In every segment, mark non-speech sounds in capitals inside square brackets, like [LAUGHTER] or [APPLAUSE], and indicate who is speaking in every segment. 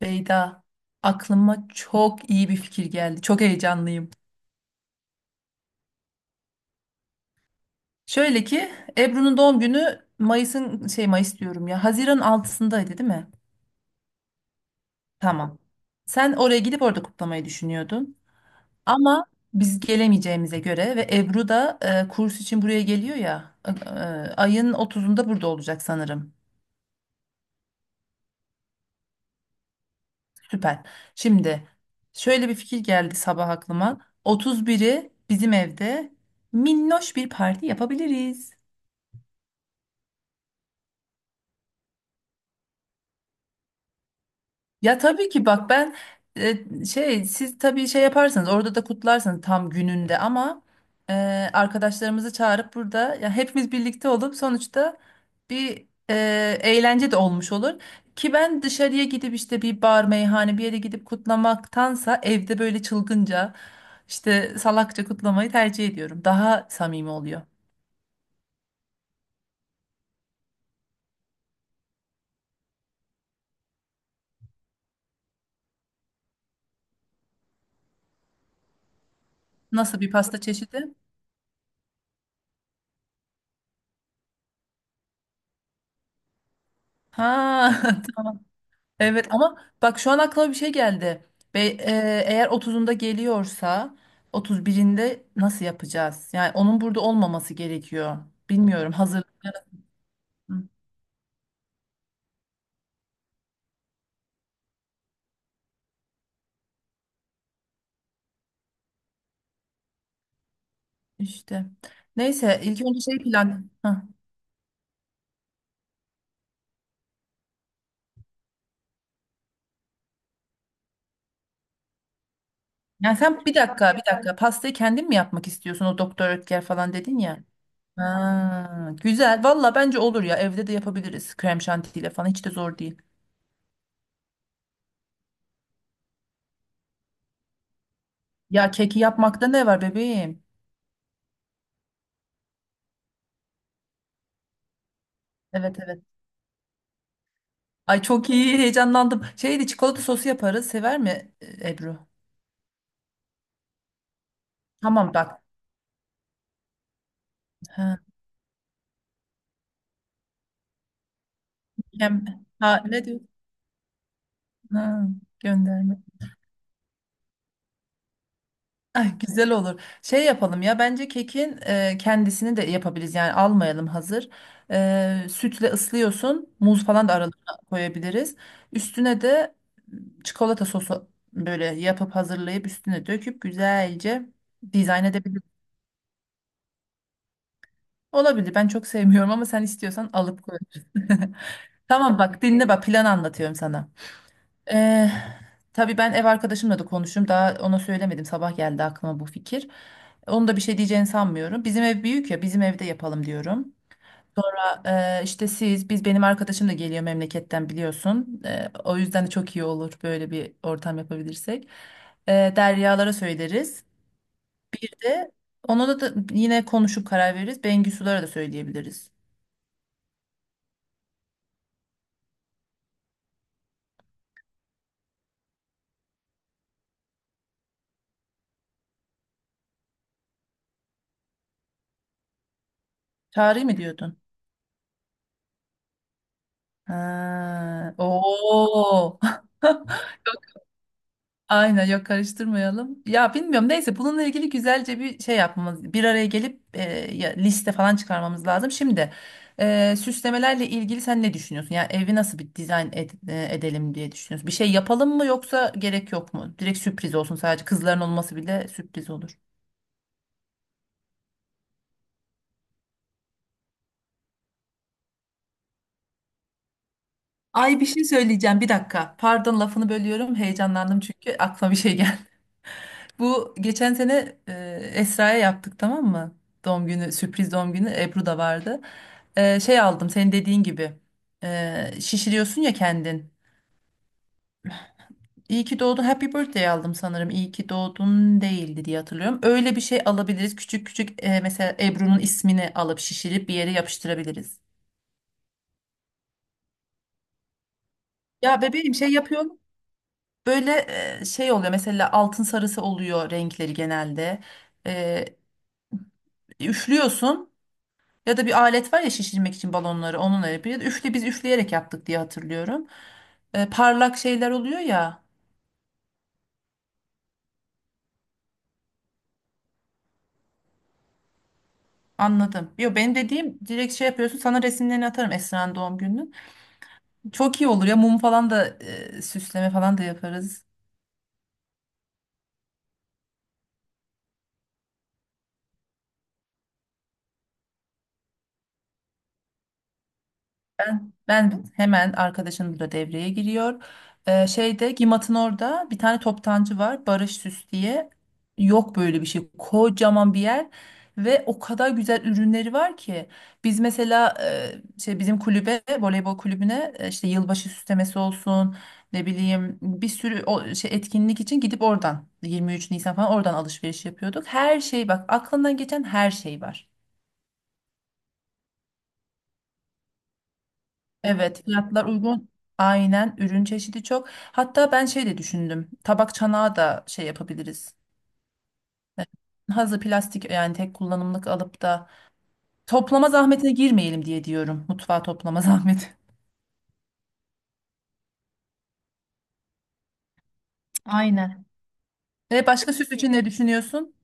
Speaker 1: Beyda, aklıma çok iyi bir fikir geldi. Çok heyecanlıyım. Şöyle ki Ebru'nun doğum günü Mayıs'ın Mayıs diyorum ya. Haziran altısındaydı, değil mi? Tamam. Sen oraya gidip orada kutlamayı düşünüyordun. Ama biz gelemeyeceğimize göre ve Ebru da kurs için buraya geliyor ya. Ayın otuzunda burada olacak sanırım. Süper. Şimdi şöyle bir fikir geldi sabah aklıma. Otuz biri bizim evde minnoş bir parti yapabiliriz. Ya tabii ki bak ben siz tabii yaparsınız orada da kutlarsınız tam gününde ama e, arkadaşlarımızı çağırıp burada ya hepimiz birlikte olup sonuçta bir eğlence de olmuş olur. Ki ben dışarıya gidip işte bir bar meyhane bir yere gidip kutlamaktansa evde böyle çılgınca işte salakça kutlamayı tercih ediyorum. Daha samimi oluyor. Nasıl bir pasta çeşidi? Ha. [LAUGHS] Evet ama bak şu an aklıma bir şey geldi. Ve eğer 30'unda geliyorsa 31'inde nasıl yapacağız? Yani onun burada olmaması gerekiyor. Bilmiyorum, hazırlıklar. Hı. İşte. Neyse ilk önce plan. Hı. Yani sen bir dakika, pastayı kendin mi yapmak istiyorsun? O Doktor Ötker falan dedin ya. Ha, güzel. Valla bence olur ya, evde de yapabiliriz. Krem şantiyle falan hiç de zor değil. Ya keki yapmakta ne var bebeğim? Evet, evet. Ay çok iyi, heyecanlandım. Şeydi, çikolata sosu yaparız. Sever mi Ebru? Tamam bak. Ha, hem, ha, ne diyorsun? Ha, gönderme. Ay, güzel olur. Şey yapalım ya, bence kekin kendisini de yapabiliriz. Yani almayalım hazır. E, sütle ıslıyorsun. Muz falan da aralarına koyabiliriz. Üstüne de çikolata sosu böyle yapıp hazırlayıp üstüne döküp güzelce dizayn edebiliriz. Olabilir. Ben çok sevmiyorum ama sen istiyorsan alıp koyabilirsin. [LAUGHS] Tamam bak dinle, bak plan anlatıyorum sana. Ee, tabii ben ev arkadaşımla da konuştum. Daha ona söylemedim. Sabah geldi aklıma bu fikir. Onu da bir şey diyeceğini sanmıyorum. Bizim ev büyük ya, bizim evde yapalım diyorum. İşte siz biz, benim arkadaşım da geliyor memleketten biliyorsun. O yüzden de çok iyi olur böyle bir ortam yapabilirsek. Deryalara söyleriz. Bir de ona da yine konuşup karar veririz. Bengisulara da söyleyebiliriz. Çağrı'yı mı diyordun? Ha, oo. [LAUGHS] Yok, aynen, yok karıştırmayalım. Ya bilmiyorum, neyse bununla ilgili güzelce bir şey yapmamız, bir araya gelip ya, liste falan çıkarmamız lazım. Şimdi süslemelerle ilgili sen ne düşünüyorsun? Yani evi nasıl bir edelim diye düşünüyorsun? Bir şey yapalım mı yoksa gerek yok mu? Direkt sürpriz olsun, sadece kızların olması bile sürpriz olur. Ay bir şey söyleyeceğim bir dakika. Pardon, lafını bölüyorum. Heyecanlandım çünkü aklıma bir şey. Bu geçen sene Esra'ya yaptık, tamam mı? Doğum günü, sürpriz doğum günü, Ebru da vardı. E, şey aldım senin dediğin gibi. E, şişiriyorsun ya kendin. İyi ki doğdun. Happy birthday aldım sanırım. İyi ki doğdun değildi diye hatırlıyorum. Öyle bir şey alabiliriz. Küçük küçük mesela Ebru'nun ismini alıp şişirip bir yere yapıştırabiliriz. Ya bebeğim şey yapıyorum. Böyle oluyor. Mesela altın sarısı oluyor renkleri genelde. E, üflüyorsun. Ya da bir alet var ya, şişirmek için balonları onunla yapıyor. Ya da üfle, biz üfleyerek yaptık diye hatırlıyorum. E, parlak şeyler oluyor ya. Anladım. Yo, benim dediğim direkt şey yapıyorsun. Sana resimlerini atarım Esra'nın doğum gününün. Çok iyi olur ya, mum falan da süsleme falan da yaparız. Ben hemen, arkadaşım burada devreye giriyor. Şeyde, Gimat'ın orada bir tane toptancı var, Barış Süs diye. Yok böyle bir şey. Kocaman bir yer ve o kadar güzel ürünleri var ki. Biz mesela bizim kulübe, voleybol kulübüne işte yılbaşı süslemesi olsun, ne bileyim bir sürü o, şey etkinlik için gidip oradan 23 Nisan falan oradan alışveriş yapıyorduk. Her şey bak, aklından geçen her şey var. Evet, fiyatlar uygun. Aynen, ürün çeşidi çok. Hatta ben şey de düşündüm. Tabak çanağı da şey yapabiliriz. E, hazır plastik yani tek kullanımlık alıp da toplama zahmetine girmeyelim diye diyorum. Mutfağa toplama [LAUGHS] zahmeti. Aynen. Ve başka süs için ne düşünüyorsun?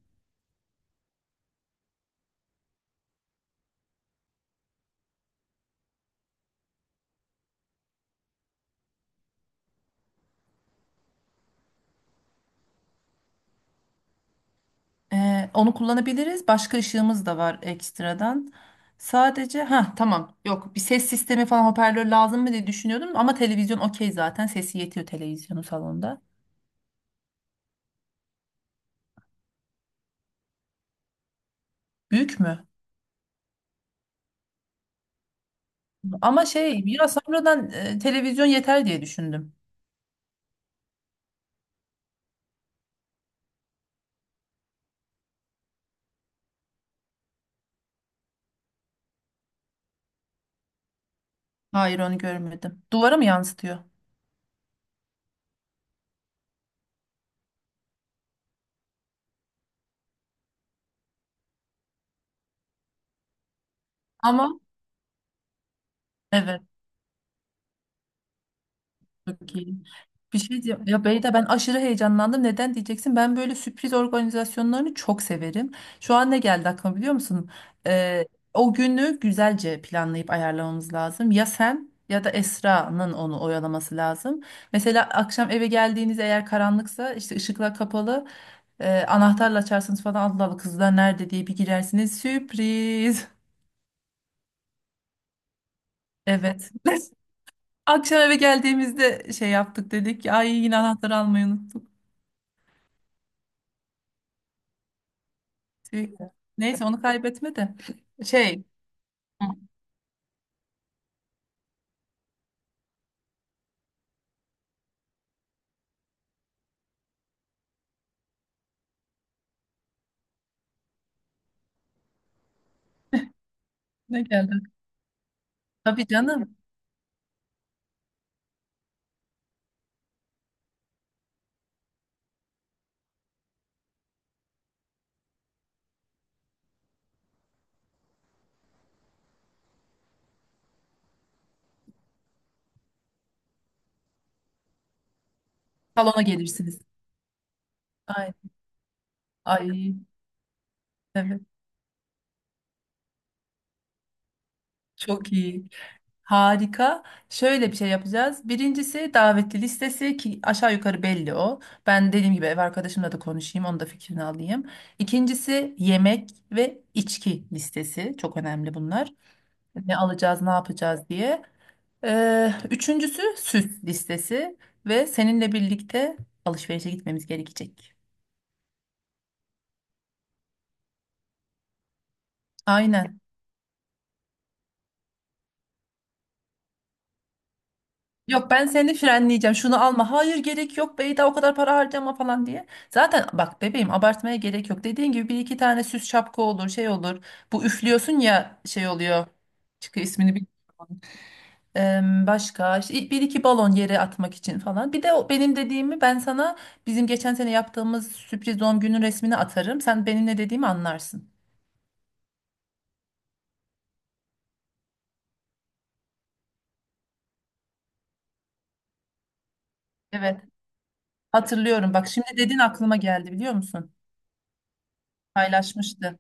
Speaker 1: E, onu kullanabiliriz. Başka ışığımız da var ekstradan. Sadece ha tamam, yok bir ses sistemi falan, hoparlör lazım mı diye düşünüyordum ama televizyon okey, zaten sesi yetiyor televizyonun salonda. Büyük mü? Ama şey ya, sonradan televizyon yeter diye düşündüm. Hayır, onu görmedim. Duvara mı yansıtıyor? Ama evet, çok iyi. Bir şey diyeyim. Ya Beyda, ben aşırı heyecanlandım. Neden diyeceksin? Ben böyle sürpriz organizasyonlarını çok severim. Şu an ne geldi aklıma biliyor musun? Ee, O günü güzelce planlayıp ayarlamamız lazım. Ya sen ya da Esra'nın onu oyalaması lazım. Mesela akşam eve geldiğiniz, eğer karanlıksa işte ışıklar kapalı. Anahtarla açarsınız falan, Allah Allah kızlar nerede diye bir girersiniz. Sürpriz. Evet. [LAUGHS] Akşam eve geldiğimizde şey yaptık dedik ki, ay yine anahtarı almayı unuttuk. Tüh. Neyse onu kaybetme de. Şey, ne geldi? Tabii canım. Salona gelirsiniz. Ay, ay evet, çok iyi. Harika. Şöyle bir şey yapacağız. Birincisi davetli listesi, ki aşağı yukarı belli o. Ben dediğim gibi ev arkadaşımla da konuşayım, onun da fikrini alayım. İkincisi yemek ve içki listesi. Çok önemli bunlar. Ne alacağız, ne yapacağız diye. Üçüncüsü süs listesi ve seninle birlikte alışverişe gitmemiz gerekecek. Aynen. Yok, ben seni frenleyeceğim. Şunu alma. Hayır gerek yok Beyda, o kadar para harcama falan diye. Zaten bak bebeğim, abartmaya gerek yok. Dediğin gibi bir iki tane süs, şapka olur, şey olur. Bu üflüyorsun ya şey oluyor. Çıkıyor, ismini bilmiyorum. Em, başka işte bir iki balon yere atmak için falan. Bir de o benim dediğimi ben sana, bizim geçen sene yaptığımız sürpriz doğum günün resmini atarım. Sen benim ne dediğimi anlarsın. Evet, hatırlıyorum. Bak şimdi dedin aklıma geldi, biliyor musun? Paylaşmıştı.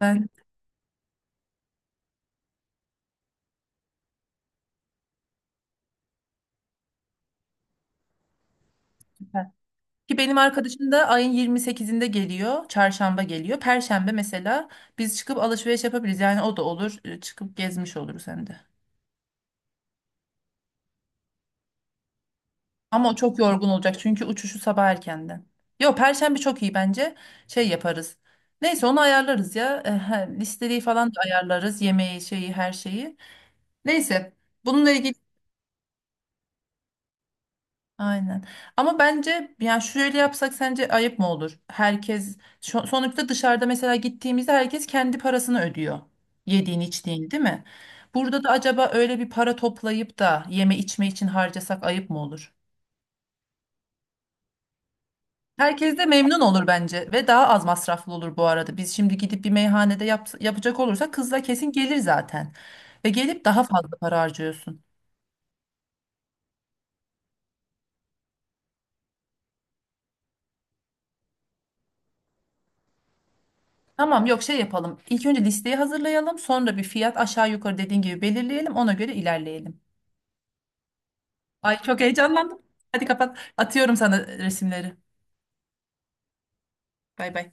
Speaker 1: Ben. Ki benim arkadaşım da ayın 28'inde geliyor. Çarşamba geliyor. Perşembe mesela biz çıkıp alışveriş yapabiliriz. Yani o da olur. Çıkıp gezmiş oluruz hem de. Ama o çok yorgun olacak çünkü uçuşu sabah erkenden. Yo, Perşembe çok iyi bence. Şey yaparız. Neyse onu ayarlarız ya. Listeyi falan da ayarlarız. Yemeği, şeyi, her şeyi. Neyse. Bununla ilgili aynen. Ama bence yani şöyle yapsak sence ayıp mı olur? Herkes sonuçta dışarıda mesela gittiğimizde herkes kendi parasını ödüyor. Yediğin içtiğin, değil mi? Burada da acaba öyle bir para toplayıp da yeme içme için harcasak ayıp mı olur? Herkes de memnun olur bence ve daha az masraflı olur bu arada. Biz şimdi gidip bir meyhanede yapacak olursak kızla kesin gelir zaten. Ve gelip daha fazla para harcıyorsun. Tamam yok, şey yapalım. İlk önce listeyi hazırlayalım. Sonra bir fiyat aşağı yukarı dediğin gibi belirleyelim. Ona göre ilerleyelim. Ay çok heyecanlandım. Hadi kapat. Atıyorum sana resimleri. Bay bay.